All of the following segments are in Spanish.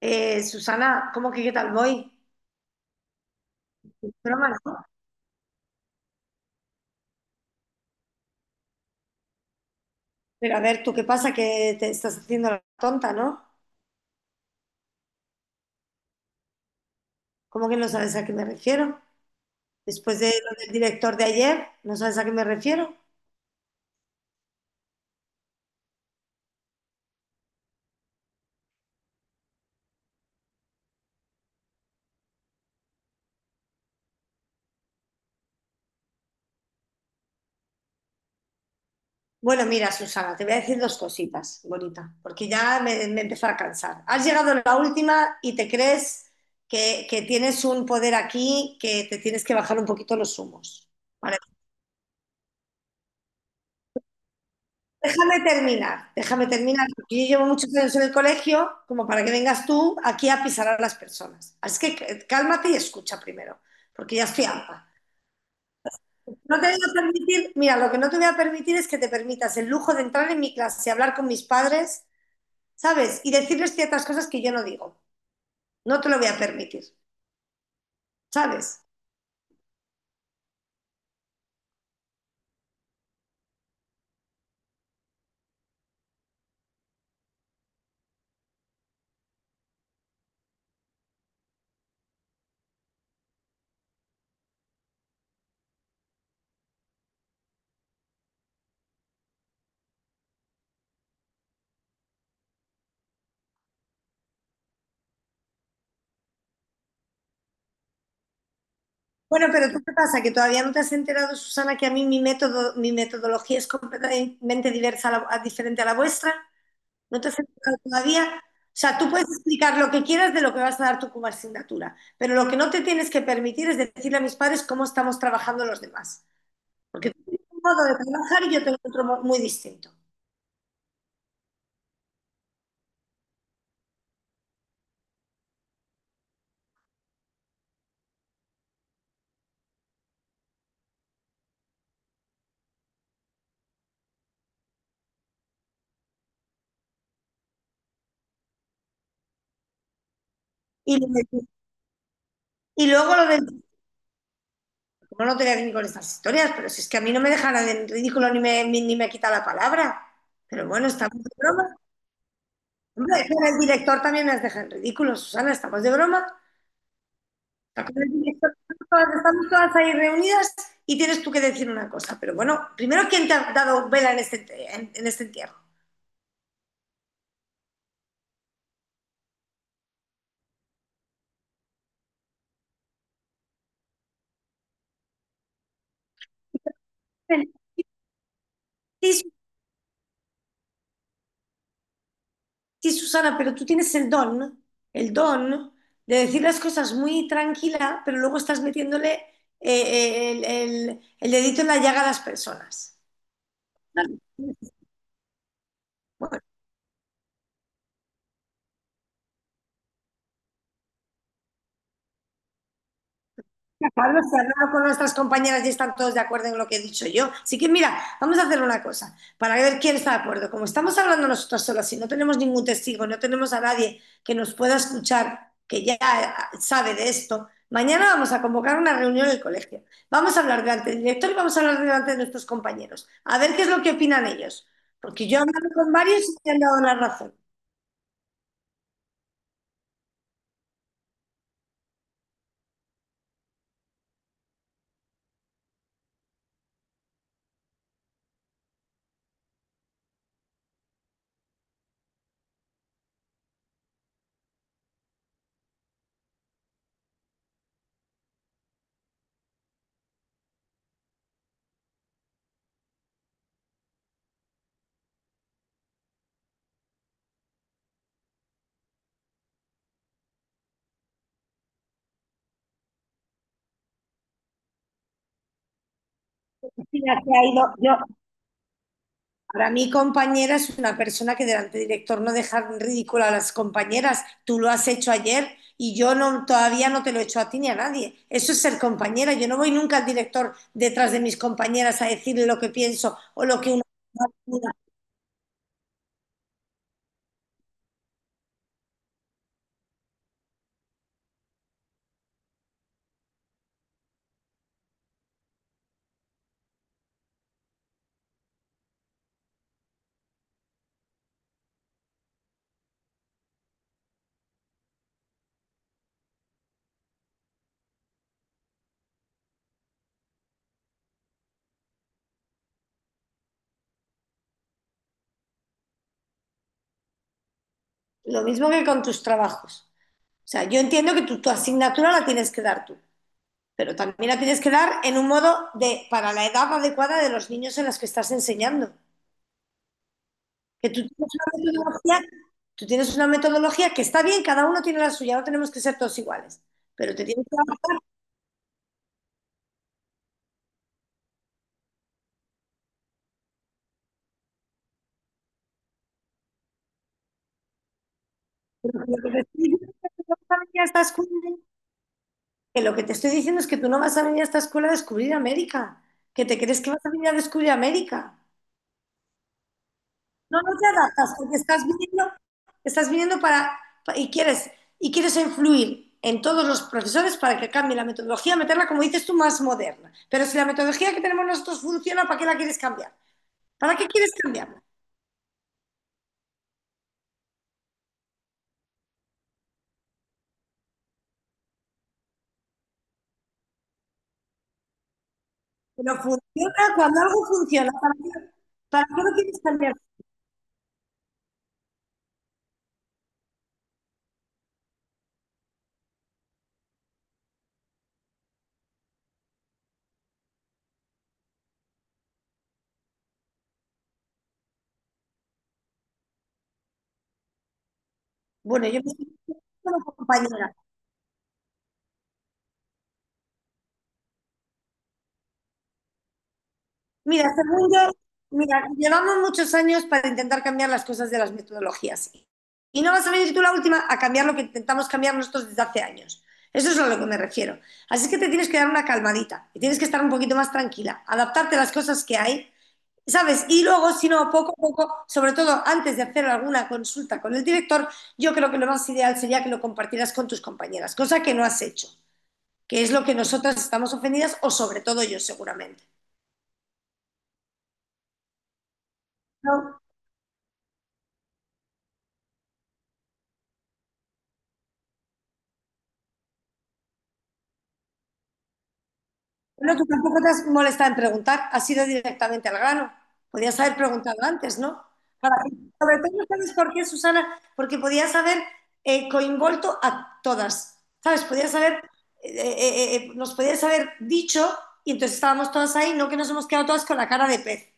Susana, ¿cómo que qué tal voy? Broma, ¿no? Pero a ver, ¿tú qué pasa? Que te estás haciendo la tonta, ¿no? ¿Cómo que no sabes a qué me refiero? Después de lo del director de ayer, ¿no sabes a qué me refiero? Bueno, mira, Susana, te voy a decir dos cositas, bonita, porque ya me empezó a cansar. Has llegado la última y te crees que tienes un poder aquí que te tienes que bajar un poquito los humos. ¿Vale? Déjame terminar, porque yo llevo muchos años en el colegio, como para que vengas tú aquí a pisar a las personas. Así que cálmate y escucha primero, porque ya estoy harta. No te voy a permitir, mira, lo que no te voy a permitir es que te permitas el lujo de entrar en mi clase y hablar con mis padres, ¿sabes? Y decirles ciertas cosas que yo no digo. No te lo voy a permitir, ¿sabes? Bueno, pero ¿tú qué pasa? Que todavía no te has enterado, Susana, que a mí mi método, mi metodología es completamente diversa diferente a la vuestra. No te has explicado todavía. O sea, tú puedes explicar lo que quieras de lo que vas a dar tú como asignatura, pero lo que no te tienes que permitir es decirle a mis padres cómo estamos trabajando los demás. Porque tú tienes un modo de trabajar y yo tengo otro muy distinto. Y, lo de- y luego lo del... Como no te voy a venir con estas historias, pero si es que a mí no me dejan en ridículo ni me quita la palabra. Pero bueno, estamos de broma. Hombre, pero el director también nos deja en ridículo, Susana, estamos de broma. Estamos todas ahí reunidas y tienes tú que decir una cosa. Pero bueno, primero, ¿quién te ha dado vela en en este entierro? Sí, sí, Susana, pero tú tienes el don de decir las cosas muy tranquila, pero luego estás metiéndole el dedito en la llaga a las personas. Bueno, Carlos, se ha hablado con nuestras compañeras y están todos de acuerdo en lo que he dicho yo. Así que mira, vamos a hacer una cosa para ver quién está de acuerdo. Como estamos hablando nosotros solas y no tenemos ningún testigo, no tenemos a nadie que nos pueda escuchar, que ya sabe de esto, mañana vamos a convocar una reunión en el colegio. Vamos a hablar delante del director y vamos a hablar delante de nuestros compañeros. A ver qué es lo que opinan ellos. Porque yo he hablado con varios y me han dado la razón. Cristina se ha ido, yo, para mí, compañera es una persona que delante del director no deja en ridículo a las compañeras. Tú lo has hecho ayer y yo no, todavía no te lo he hecho a ti ni a nadie. Eso es ser compañera. Yo no voy nunca al director detrás de mis compañeras a decirle lo que pienso o lo que una. Lo mismo que con tus trabajos. O sea, yo entiendo que tu asignatura la tienes que dar tú, pero también la tienes que dar en un modo de, para la edad adecuada de los niños en los que estás enseñando. Que tú tienes una metodología, tú tienes una metodología que está bien, cada uno tiene la suya, no tenemos que ser todos iguales. Pero te tienes que lo que no venir a esta escuela, que lo que te estoy diciendo es que tú no vas a venir a esta escuela a descubrir América, que te crees que vas a venir a descubrir América. No, no te adaptas, porque estás viniendo para- y quieres, y quieres influir en todos los profesores para que cambie la metodología, meterla, como dices tú, más moderna. Pero si la metodología que tenemos nosotros funciona, ¿para qué la quieres cambiar? ¿Para qué quieres cambiar? Pero funciona, cuando algo funciona, ¿para qué lo quieres cambiar? Bueno, yo me estoy como compañera. Mira, según yo, mira, llevamos muchos años para intentar cambiar las cosas de las metodologías. Y no vas a venir tú la última a cambiar lo que intentamos cambiar nosotros desde hace años. Eso es a lo que me refiero. Así es que te tienes que dar una calmadita y tienes que estar un poquito más tranquila, adaptarte a las cosas que hay. ¿Sabes? Y luego, si no, poco a poco, sobre todo antes de hacer alguna consulta con el director, yo creo que lo más ideal sería que lo compartieras con tus compañeras, cosa que no has hecho, que es lo que nosotras estamos ofendidas o sobre todo yo seguramente. ¿No? Bueno, tú tampoco te has molestado en preguntar, has ido directamente al grano. Podías haber preguntado antes, ¿no? Para- Sobre todo, ¿sabes por qué, Susana? Porque podías haber coinvolto a todas, ¿sabes? Podías haber, nos podías haber dicho y entonces estábamos todas ahí, no que nos hemos quedado todas con la cara de pez,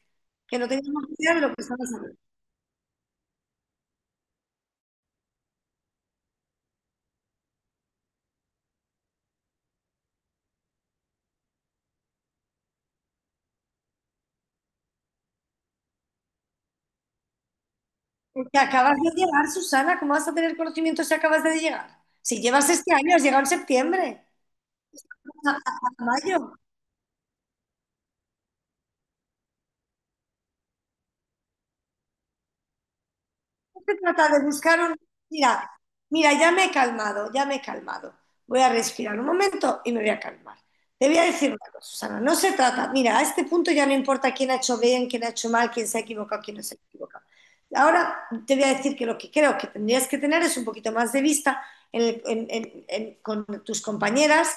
que no teníamos ni idea de lo que estábamos hablando. Porque acabas de llegar, Susana, ¿cómo vas a tener conocimiento si acabas de llegar? Si llevas este año, has llegado en septiembre, a mayo. Se trata de buscar un... Mira, mira, ya me he calmado, ya me he calmado. Voy a respirar un momento y me voy a calmar. Te voy a decir una cosa, Susana, no se trata, mira, a este punto ya no importa quién ha hecho bien, quién ha hecho mal, quién se ha equivocado, quién no se ha equivocado. Ahora te voy a decir que lo que creo que tendrías que tener es un poquito más de vista con tus compañeras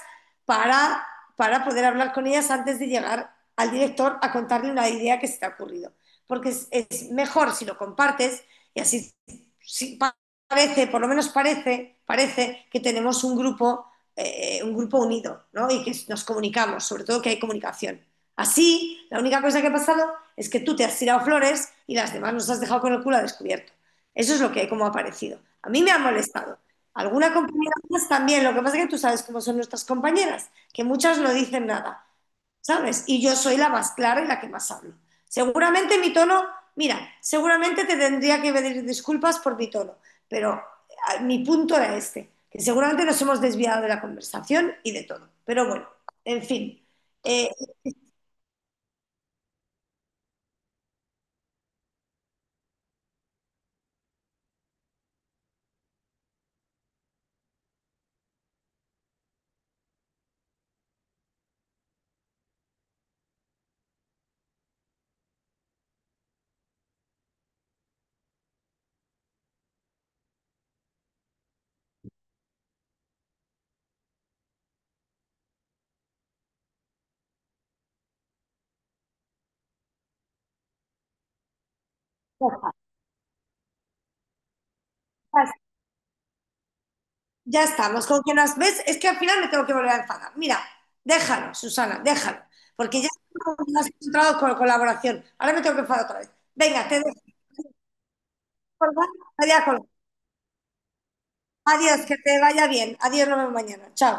para, para poder hablar con ellas antes de llegar al director a contarle una idea que se te ha ocurrido. Porque es mejor si lo compartes y así sí, parece, por lo menos parece, parece que tenemos un grupo unido, ¿no? Y que nos comunicamos, sobre todo que hay comunicación. Así, la única cosa que ha pasado es que tú te has tirado flores y las demás nos has dejado con el culo descubierto. Eso es lo que como ha parecido. A mí me ha molestado. Alguna compañera más también, lo que pasa es que tú sabes cómo son nuestras compañeras, que muchas no dicen nada. ¿Sabes? Y yo soy la más clara y la que más hablo. Seguramente mi tono, mira, seguramente te tendría que pedir disculpas por mi tono, pero ah, mi punto era este, que seguramente nos hemos desviado de la conversación y de todo. Pero bueno, en fin, eh, ya estamos. Con que nos ves, es que al final me tengo que volver a enfadar. Mira, déjalo, Susana, déjalo, porque ya has encontrado con colaboración. Ahora me tengo que enfadar otra vez. Venga, te dejo. Adiós, que te vaya bien. Adiós, nos vemos mañana. Chao.